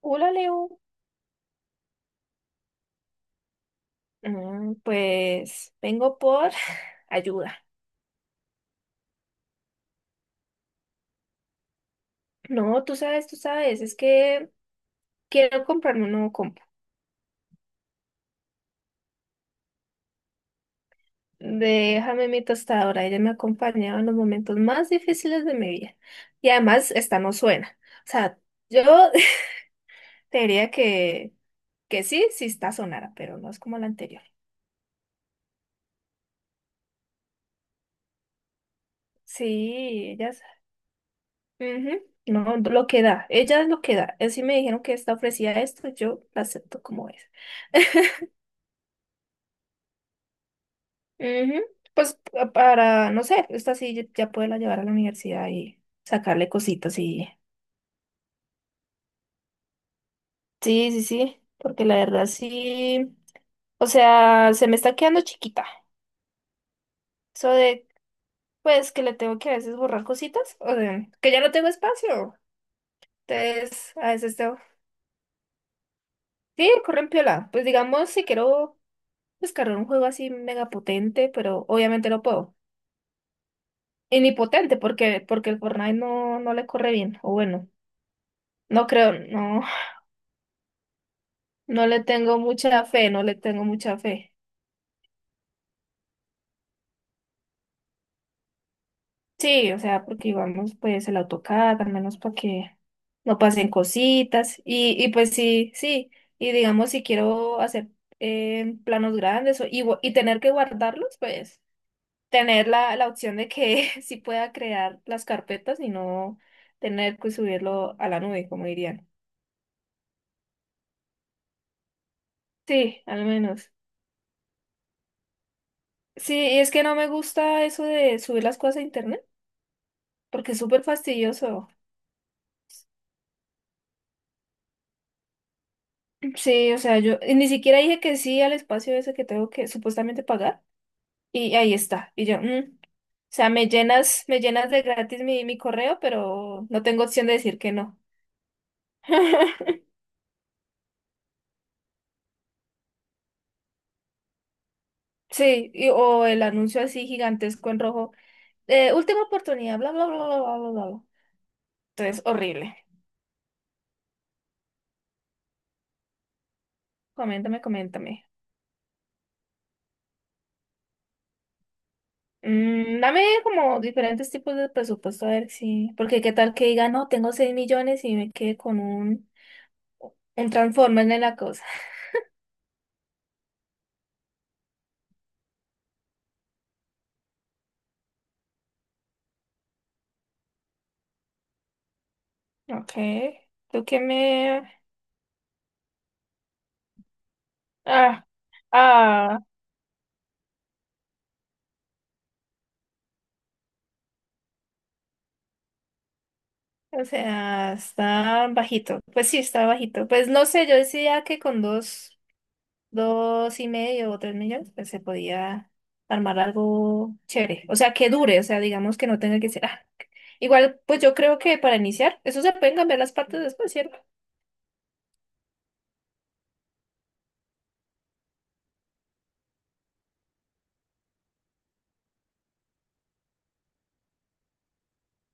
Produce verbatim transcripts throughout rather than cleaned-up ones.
Hola Leo. Mm, pues vengo por ayuda. No, tú sabes, tú sabes, es que quiero comprarme un nuevo compu. Déjame mi tostadora, ella me ha acompañado en los momentos más difíciles de mi vida. Y además, esta no suena. O sea, yo te diría que, que sí, sí está sonara, pero no es como la anterior. Sí, ella. Ujú. No, lo que da, ella es lo que da. Así me dijeron que esta ofrecía esto, yo la acepto como es. Ujú. Pues pa- para, no sé, esta sí ya ya puede la llevar a la universidad y sacarle cositas. Y... Sí, sí, sí, porque la verdad sí, o sea, se me está quedando chiquita. Eso de, pues, que le tengo que a veces borrar cositas, o de, que ya no tengo espacio. Entonces, a veces tengo. Sí, corren piola. Pues digamos, si quiero descargar un juego así mega potente, pero obviamente no puedo. Y ni potente, porque, porque el Fortnite no, no le corre bien, o bueno. No creo, no. No le tengo mucha fe, no le tengo mucha fe. Sí, o sea, porque vamos pues el AutoCAD, al menos para que no pasen cositas. Y, y pues sí, sí. Y digamos, si quiero hacer eh, planos grandes o- y, gua- y tener que guardarlos, pues tener la, la opción de que sí pueda crear las carpetas y no tener que subirlo a la nube, como dirían. Sí, al menos. Sí, y es que no me gusta eso de subir las cosas a internet, porque es súper fastidioso. Sí, o sea, yo y ni siquiera dije que sí al espacio ese que tengo que supuestamente pagar y ahí está. Y yo, mm, o sea, me llenas, me llenas de gratis mi, mi correo, pero no tengo opción de decir que no. Sí, y- o el anuncio así gigantesco en rojo. eh, última oportunidad, bla, bla, bla, bla, bla, bla, bla, bla. Entonces, horrible. Coméntame, coméntame. Mm, dame como diferentes tipos de presupuesto, a ver si. Porque qué tal que diga, no, tengo seis millones y me quede con un, un Transformer en la cosa. Okay, tú qué me. Ah, ah, o sea, está bajito. Pues sí, está bajito. Pues no sé, yo decía que con dos, dos y medio o tres millones, pues se podía armar algo chévere. O sea, que dure, o sea, digamos que no tenga que ser, ah. Igual, pues yo creo que para iniciar, eso se pueden cambiar las partes después, ¿cierto?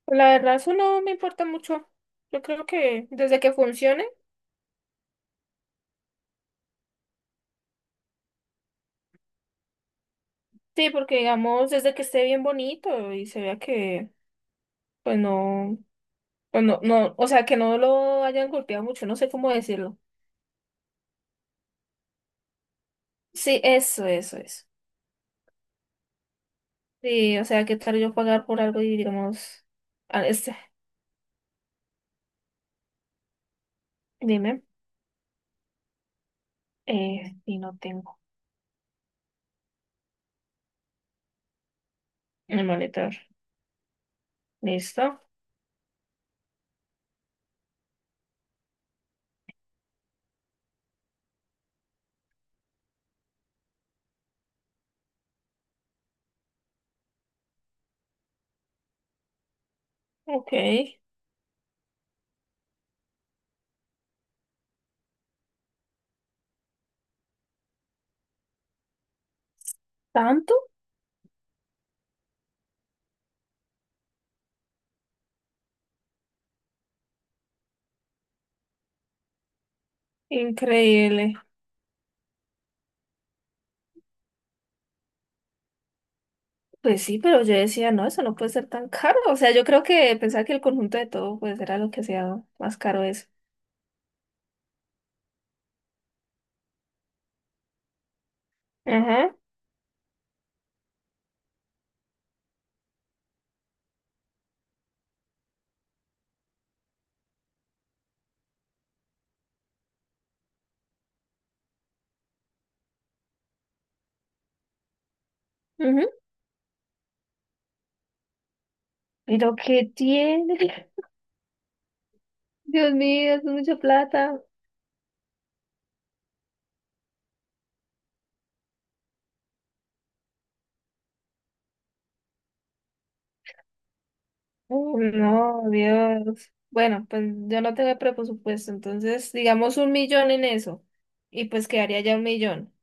La verdad, eso no me importa mucho. Yo creo que desde que funcione, sí, porque digamos, desde que esté bien bonito y se vea que, pues no. O no, no, o sea, que no lo hayan golpeado mucho, no sé cómo decirlo. Sí, eso, eso, eso. Sí, o sea, ¿qué tal yo pagar por algo y digamos, a este, dime, eh, y no tengo el maletar. ¿Listo? Ok. ¿Tanto? Increíble. Pues sí, pero yo decía, no, eso no puede ser tan caro. O sea, yo creo que pensaba que el conjunto de todo pues era lo que sea más caro eso. Ajá. Ujú. Pero qué tiene. Dios mío, es mucha plata. Oh, no, Dios. Bueno, pues yo no tengo presupuesto, entonces digamos un millón en eso. Y pues quedaría ya un millón.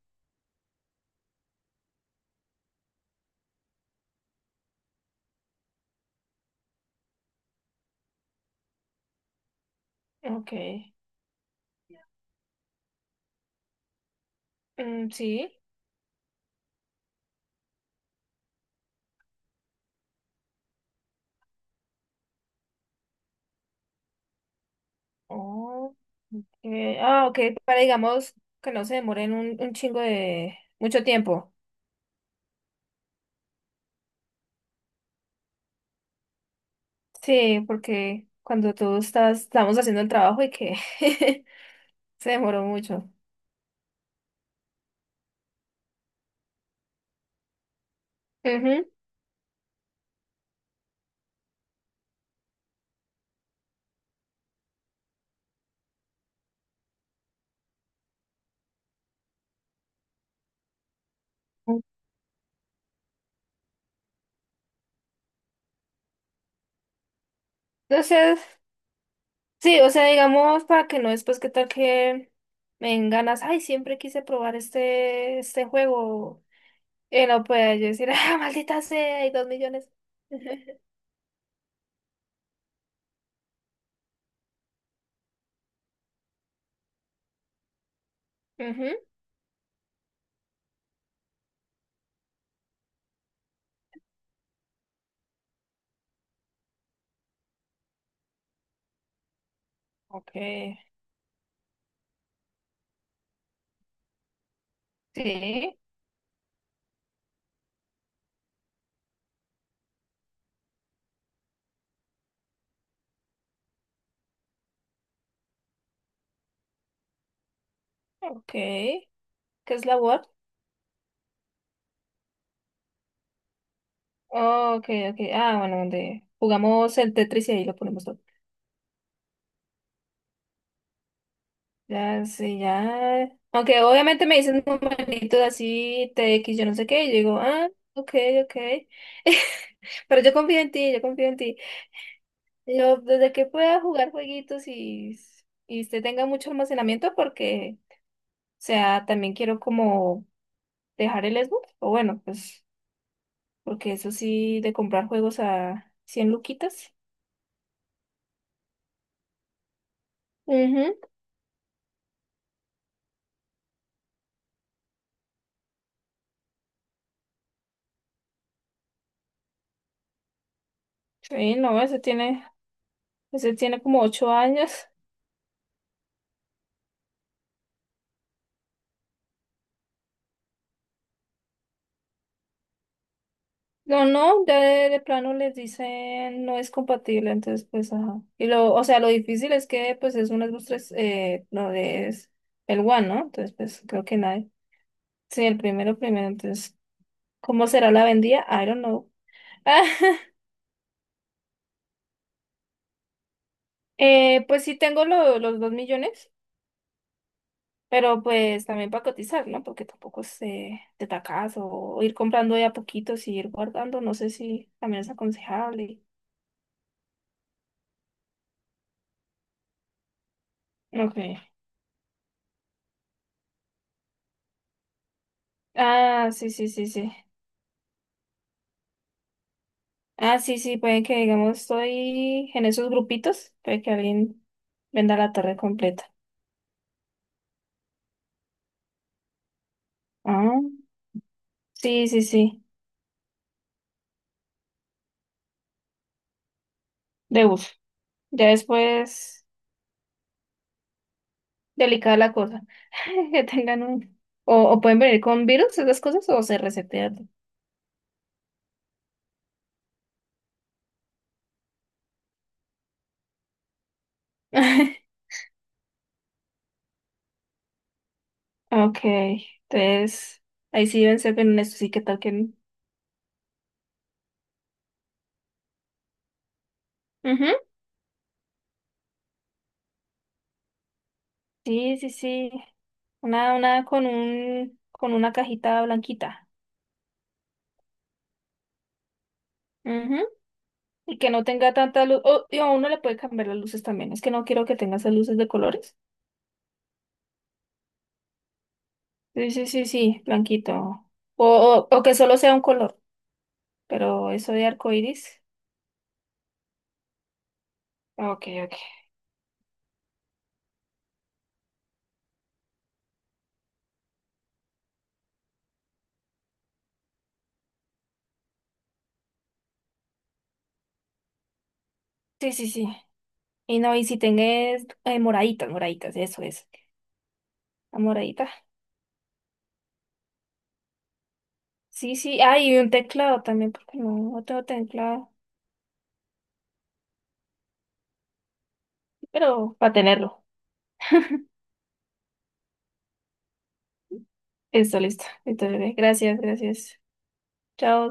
Ok. Mm, sí. Oh, ok. Ah, ok, para digamos que no se demoren un, un chingo de mucho tiempo. Sí, porque cuando tú estás, estamos haciendo el trabajo y que se demoró mucho. Ujú. Entonces. Sí, o sea, digamos, para que no después que tal que me den ganas, ay, siempre quise probar este, este juego, y no pueda yo decir, ah, maldita sea, hay dos millones. Ujú. Ok, sí, ok. ¿Qué es la Word? Oh, ok, ok. Ah, bueno, donde jugamos el Tetris y ahí lo ponemos todo. Ya, sí, ya. Aunque obviamente me dicen numeritos así, t x yo no sé qué, y yo digo, ah, ok, ok. Pero yo confío en ti, yo confío en ti. Yo, desde que pueda jugar jueguitos y, y usted tenga mucho almacenamiento, porque, o sea, también quiero como dejar el Xbox, o bueno, pues, porque eso sí, de comprar juegos a cien luquitas. Ujú. Sí, no, ese tiene, ese tiene como ocho años. No, no, ya de, de plano les dicen no es compatible, entonces, pues, ajá. Y lo, o sea, lo difícil es que, pues, es un Xbox tres, eh, no, es el One, ¿no? Entonces, pues, creo que nadie. Sí, el primero, primero, entonces. ¿Cómo será la vendida? I don't know. Eh, pues sí tengo lo- los dos millones, pero pues también para cotizar, ¿no? Porque tampoco es eh, de tacazo o ir comprando de a poquitos y ir guardando, no sé si también es aconsejable. Ok. Ah, sí, sí, sí, sí. Ah, sí, sí, pueden que digamos estoy en esos grupitos, puede que alguien venda la torre completa. Ah, sí, sí, sí, de uso. Ya después. Delicada la cosa. Que tengan un. O, o pueden venir con virus, esas cosas, o se resetean. Ok, entonces ahí sí deben ser bien honestos, sí qué tal que, ¿no? Ujú. Sí, sí, sí. Una, una con un, con una cajita blanquita. Ujú. Y que no tenga tanta luz. O y a uno le puede cambiar las luces también. Es que no quiero que tenga esas luces de colores. Sí, sí, sí, sí, blanquito. O, o, o que solo sea un color. Pero eso de arcoíris. Ok, ok. Sí, sí, sí. Y no, y si tenés eh, moraditas, moraditas, eso es. La moradita. Sí, sí. Ah, y un teclado también, porque no, no tengo teclado. Pero para tenerlo. Listo, listo. Entonces, gracias, gracias. Chao.